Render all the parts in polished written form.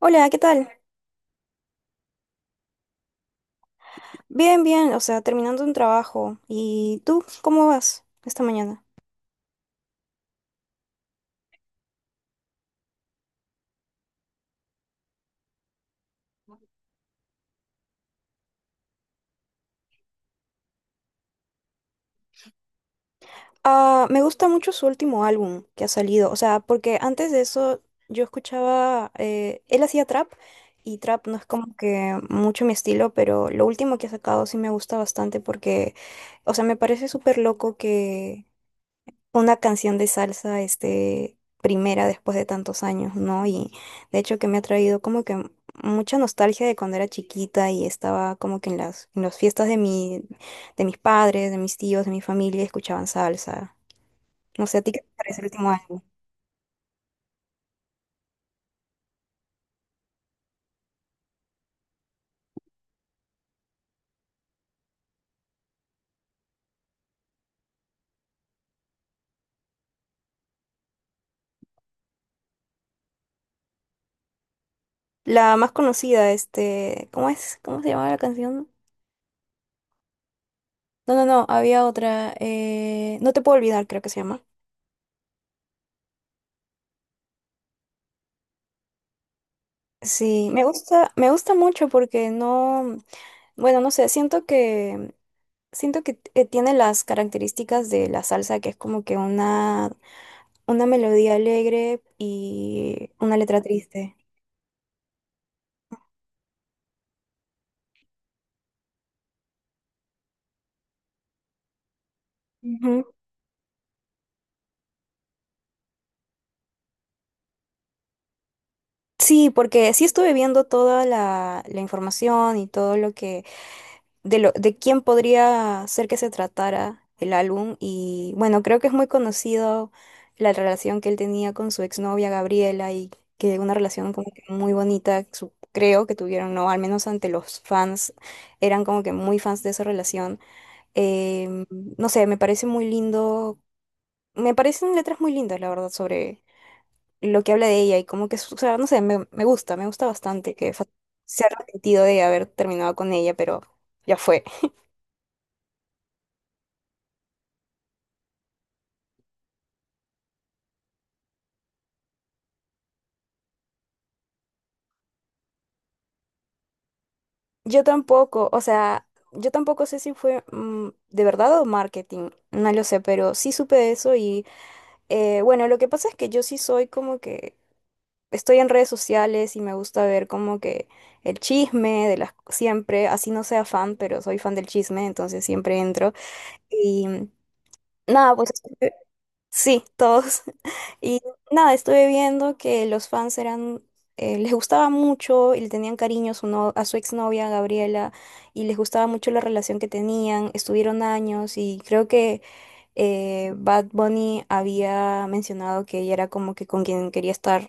Hola, ¿qué tal? Bien, bien, o sea, terminando un trabajo. ¿Y tú, cómo vas esta mañana? Ah, me gusta mucho su último álbum que ha salido, o sea, porque antes de eso yo escuchaba, él hacía trap y trap no es como que mucho mi estilo, pero lo último que ha sacado sí me gusta bastante porque, o sea, me parece súper loco una canción de salsa, este, primera después de tantos años, ¿no? Y de hecho que me ha traído como que mucha nostalgia de cuando era chiquita y estaba como que en las fiestas de mis padres, de mis tíos, de mi familia, escuchaban salsa. No sé, ¿a ti qué te parece el último álbum? La más conocida, este, ¿cómo es? ¿Cómo se llamaba la canción? No, no, no, había otra, No te puedo olvidar, creo que se llama. Sí, me gusta mucho porque no, bueno, no sé, Siento que tiene las características de la salsa, que es como que una melodía alegre y una letra triste. Ujú. Sí, porque sí estuve viendo toda la información y todo lo que de quién podría ser que se tratara el álbum. Y bueno, creo que es muy conocido la relación que él tenía con su exnovia Gabriela y que una relación como que muy bonita, creo que tuvieron, no, al menos ante los fans, eran como que muy fans de esa relación. Em, no sé, me parece muy lindo, me parecen letras muy lindas, la verdad, sobre lo que habla de ella y como que, o sea, no sé, me gusta, me gusta bastante que se ha arrepentido de haber terminado con ella, pero ya fue. Yo tampoco, o sea, yo tampoco sé si fue de verdad o marketing, no lo sé, pero sí supe de eso y bueno, lo que pasa es que yo sí soy como que estoy en redes sociales y me gusta ver como que el chisme de las siempre, así no sea fan, pero soy fan del chisme, entonces siempre entro y nada, pues. Sí, todos. Y nada, estuve viendo que los fans eran, les gustaba mucho y le tenían cariño a su, no- a su exnovia Gabriela y les gustaba mucho la relación que tenían, estuvieron años y creo que Bad Bunny había mencionado que ella era como que con quien quería estar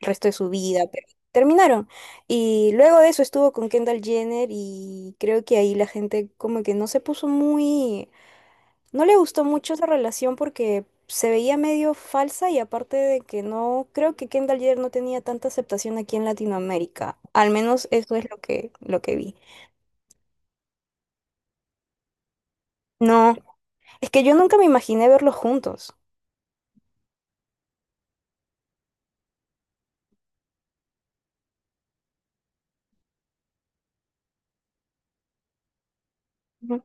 el resto de su vida, pero terminaron. Y luego de eso estuvo con Kendall Jenner y creo que ahí la gente como que no se puso muy, no le gustó mucho esa relación porque se veía medio falsa y aparte de que no, creo que Kendall Jenner no tenía tanta aceptación aquí en Latinoamérica. Al menos eso es lo que vi. No, es que yo nunca me imaginé verlos juntos. Ujú.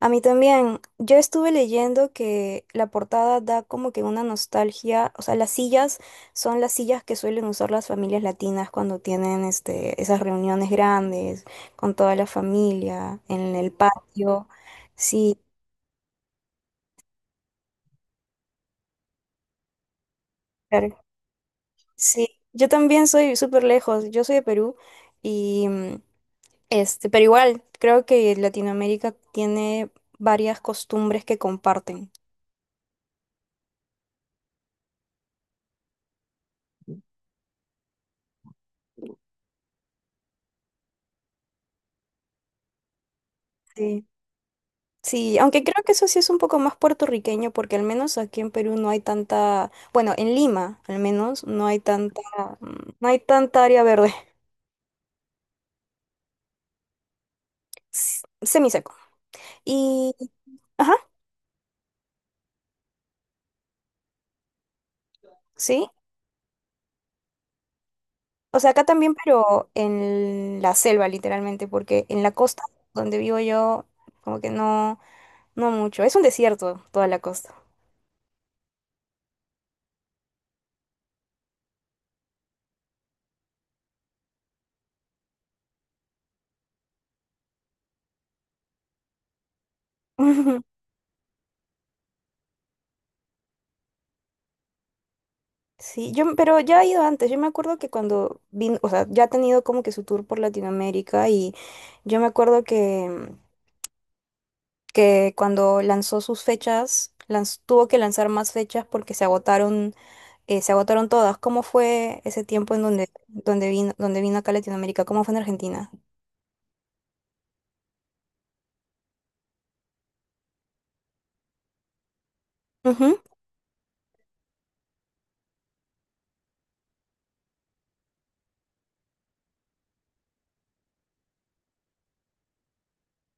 A mí también, yo estuve leyendo que la portada da como que una nostalgia, o sea, las sillas son las sillas que suelen usar las familias latinas cuando tienen esas reuniones grandes con toda la familia en el patio. Sí. Claro. Sí, yo también soy súper lejos, yo soy de Perú y este, pero igual creo que Latinoamérica tiene varias costumbres que comparten. Sí. Sí, aunque creo que eso sí es un poco más puertorriqueño porque al menos aquí en Perú no hay tanta, bueno, en Lima al menos no hay tanta, mm, no hay tanta área verde, semiseco. Y, ajá, sí, o sea, acá también, pero en la selva literalmente, porque en la costa donde vivo yo, como que no. No mucho, es un desierto toda la costa. Sí, yo, pero ya he ido antes. Yo me acuerdo que cuando vino, o sea, ya ha tenido como que su tour por Latinoamérica y yo me acuerdo que cuando lanzó sus fechas, tuvo que lanzar más fechas porque se agotaron todas. ¿Cómo fue ese tiempo en donde, donde vino acá a Latinoamérica? ¿Cómo fue en Argentina? Ujú.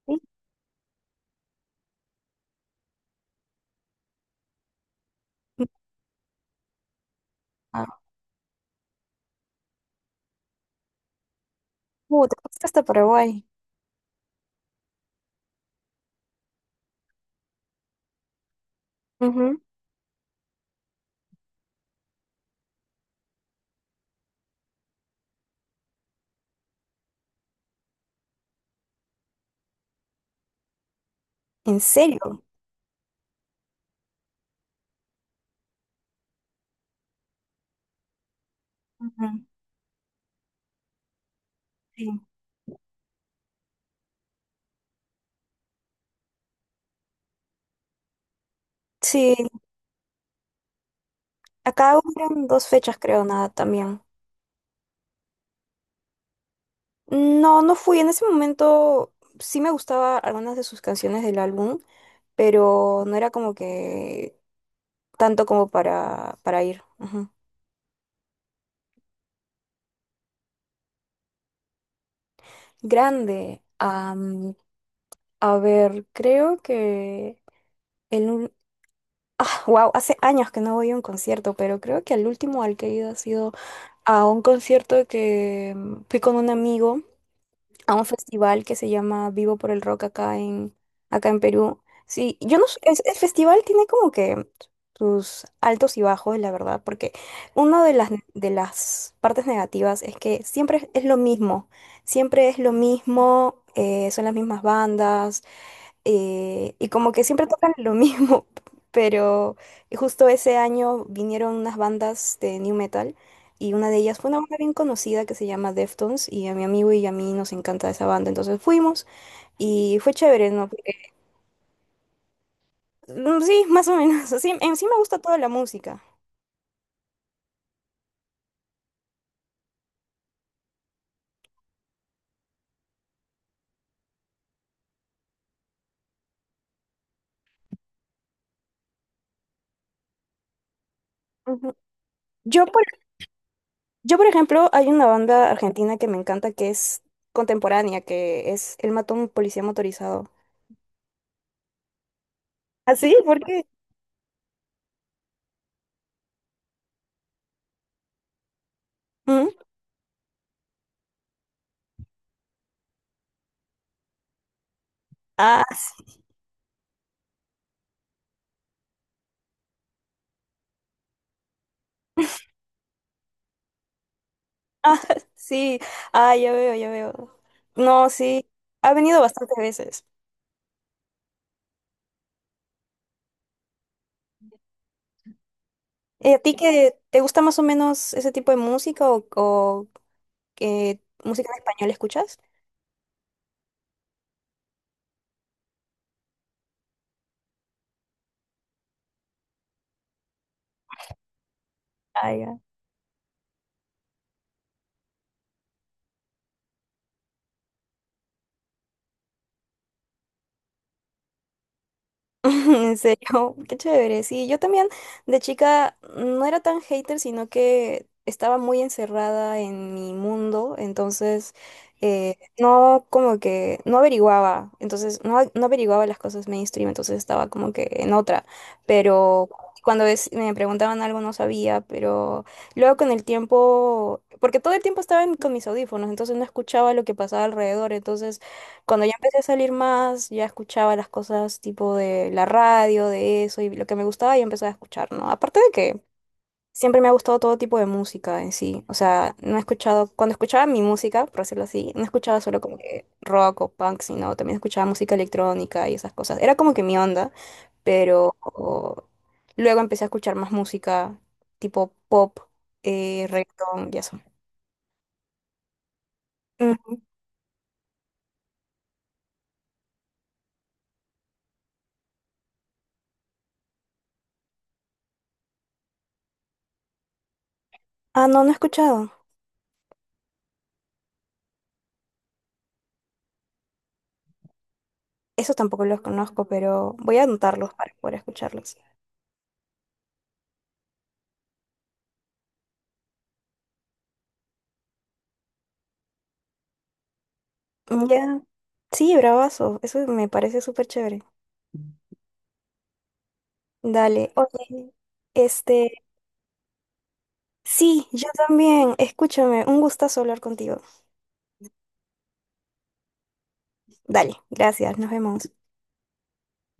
Sí. Ah, te fuiste hasta Paraguay. Ujú. ¿En serio? Ujú. Sí. Sí, acá hubieron dos fechas, creo, nada, también. No, no fui. En ese momento sí me gustaba algunas de sus canciones del álbum, pero no era como que tanto como para ir. Ujú. Grande. A ver, creo que el... ul- Ah, wow, hace años que no voy a un concierto, pero creo que el último al que he ido ha sido a un concierto que fui con un amigo a un festival que se llama Vivo por el Rock acá en Perú. Sí, yo no sé, el festival tiene como que sus altos y bajos, la verdad, porque una de las partes negativas es que siempre es lo mismo, siempre es lo mismo, son las mismas bandas, y como que siempre tocan lo mismo, pero justo ese año vinieron unas bandas de new metal y una de ellas fue una banda bien conocida que se llama Deftones y a mi amigo y a mí nos encanta esa banda, entonces fuimos y fue chévere, ¿no? Porque, sí, más o menos, sí, en sí me gusta toda la música. Ujú. Yo por, yo, por ejemplo, hay una banda argentina que me encanta que es contemporánea, que es El Matón Policía Motorizado. ¿Ah, sí? ¿Por qué? Ujú. Ah, sí, ah, ya veo, ya veo. No, sí, ha venido bastantes veces. ¿A ti que te gusta más o menos ese tipo de música o, qué música en español escuchas? En serio, qué chévere. Sí, yo también de chica no era tan hater, sino que estaba muy encerrada en mi mundo, entonces no como que no averiguaba, entonces no, no averiguaba las cosas mainstream, entonces estaba como que en otra, pero cuando me preguntaban algo no sabía, pero luego con el tiempo, porque todo el tiempo estaba con mis audífonos, entonces no escuchaba lo que pasaba alrededor. Entonces... Cuando ya empecé a salir más, ya escuchaba las cosas tipo de la radio, de eso, y lo que me gustaba ya empecé a escuchar, ¿no? Aparte de que siempre me ha gustado todo tipo de música en sí. O sea, no he escuchado, cuando escuchaba mi música, por decirlo así, no escuchaba solo como que rock o punk, sino también escuchaba música electrónica y esas cosas. Era como que mi onda, pero luego empecé a escuchar más música tipo pop, reggaetón y eso. Ujú. Ah, no, no he escuchado. Esos tampoco los conozco, pero voy a anotarlos para poder escucharlos. Ya. Sí, bravazo. Eso me parece súper chévere. Dale. Oye, este. Sí, yo también. Escúchame. Un gustazo hablar contigo. Dale. Gracias. Nos vemos.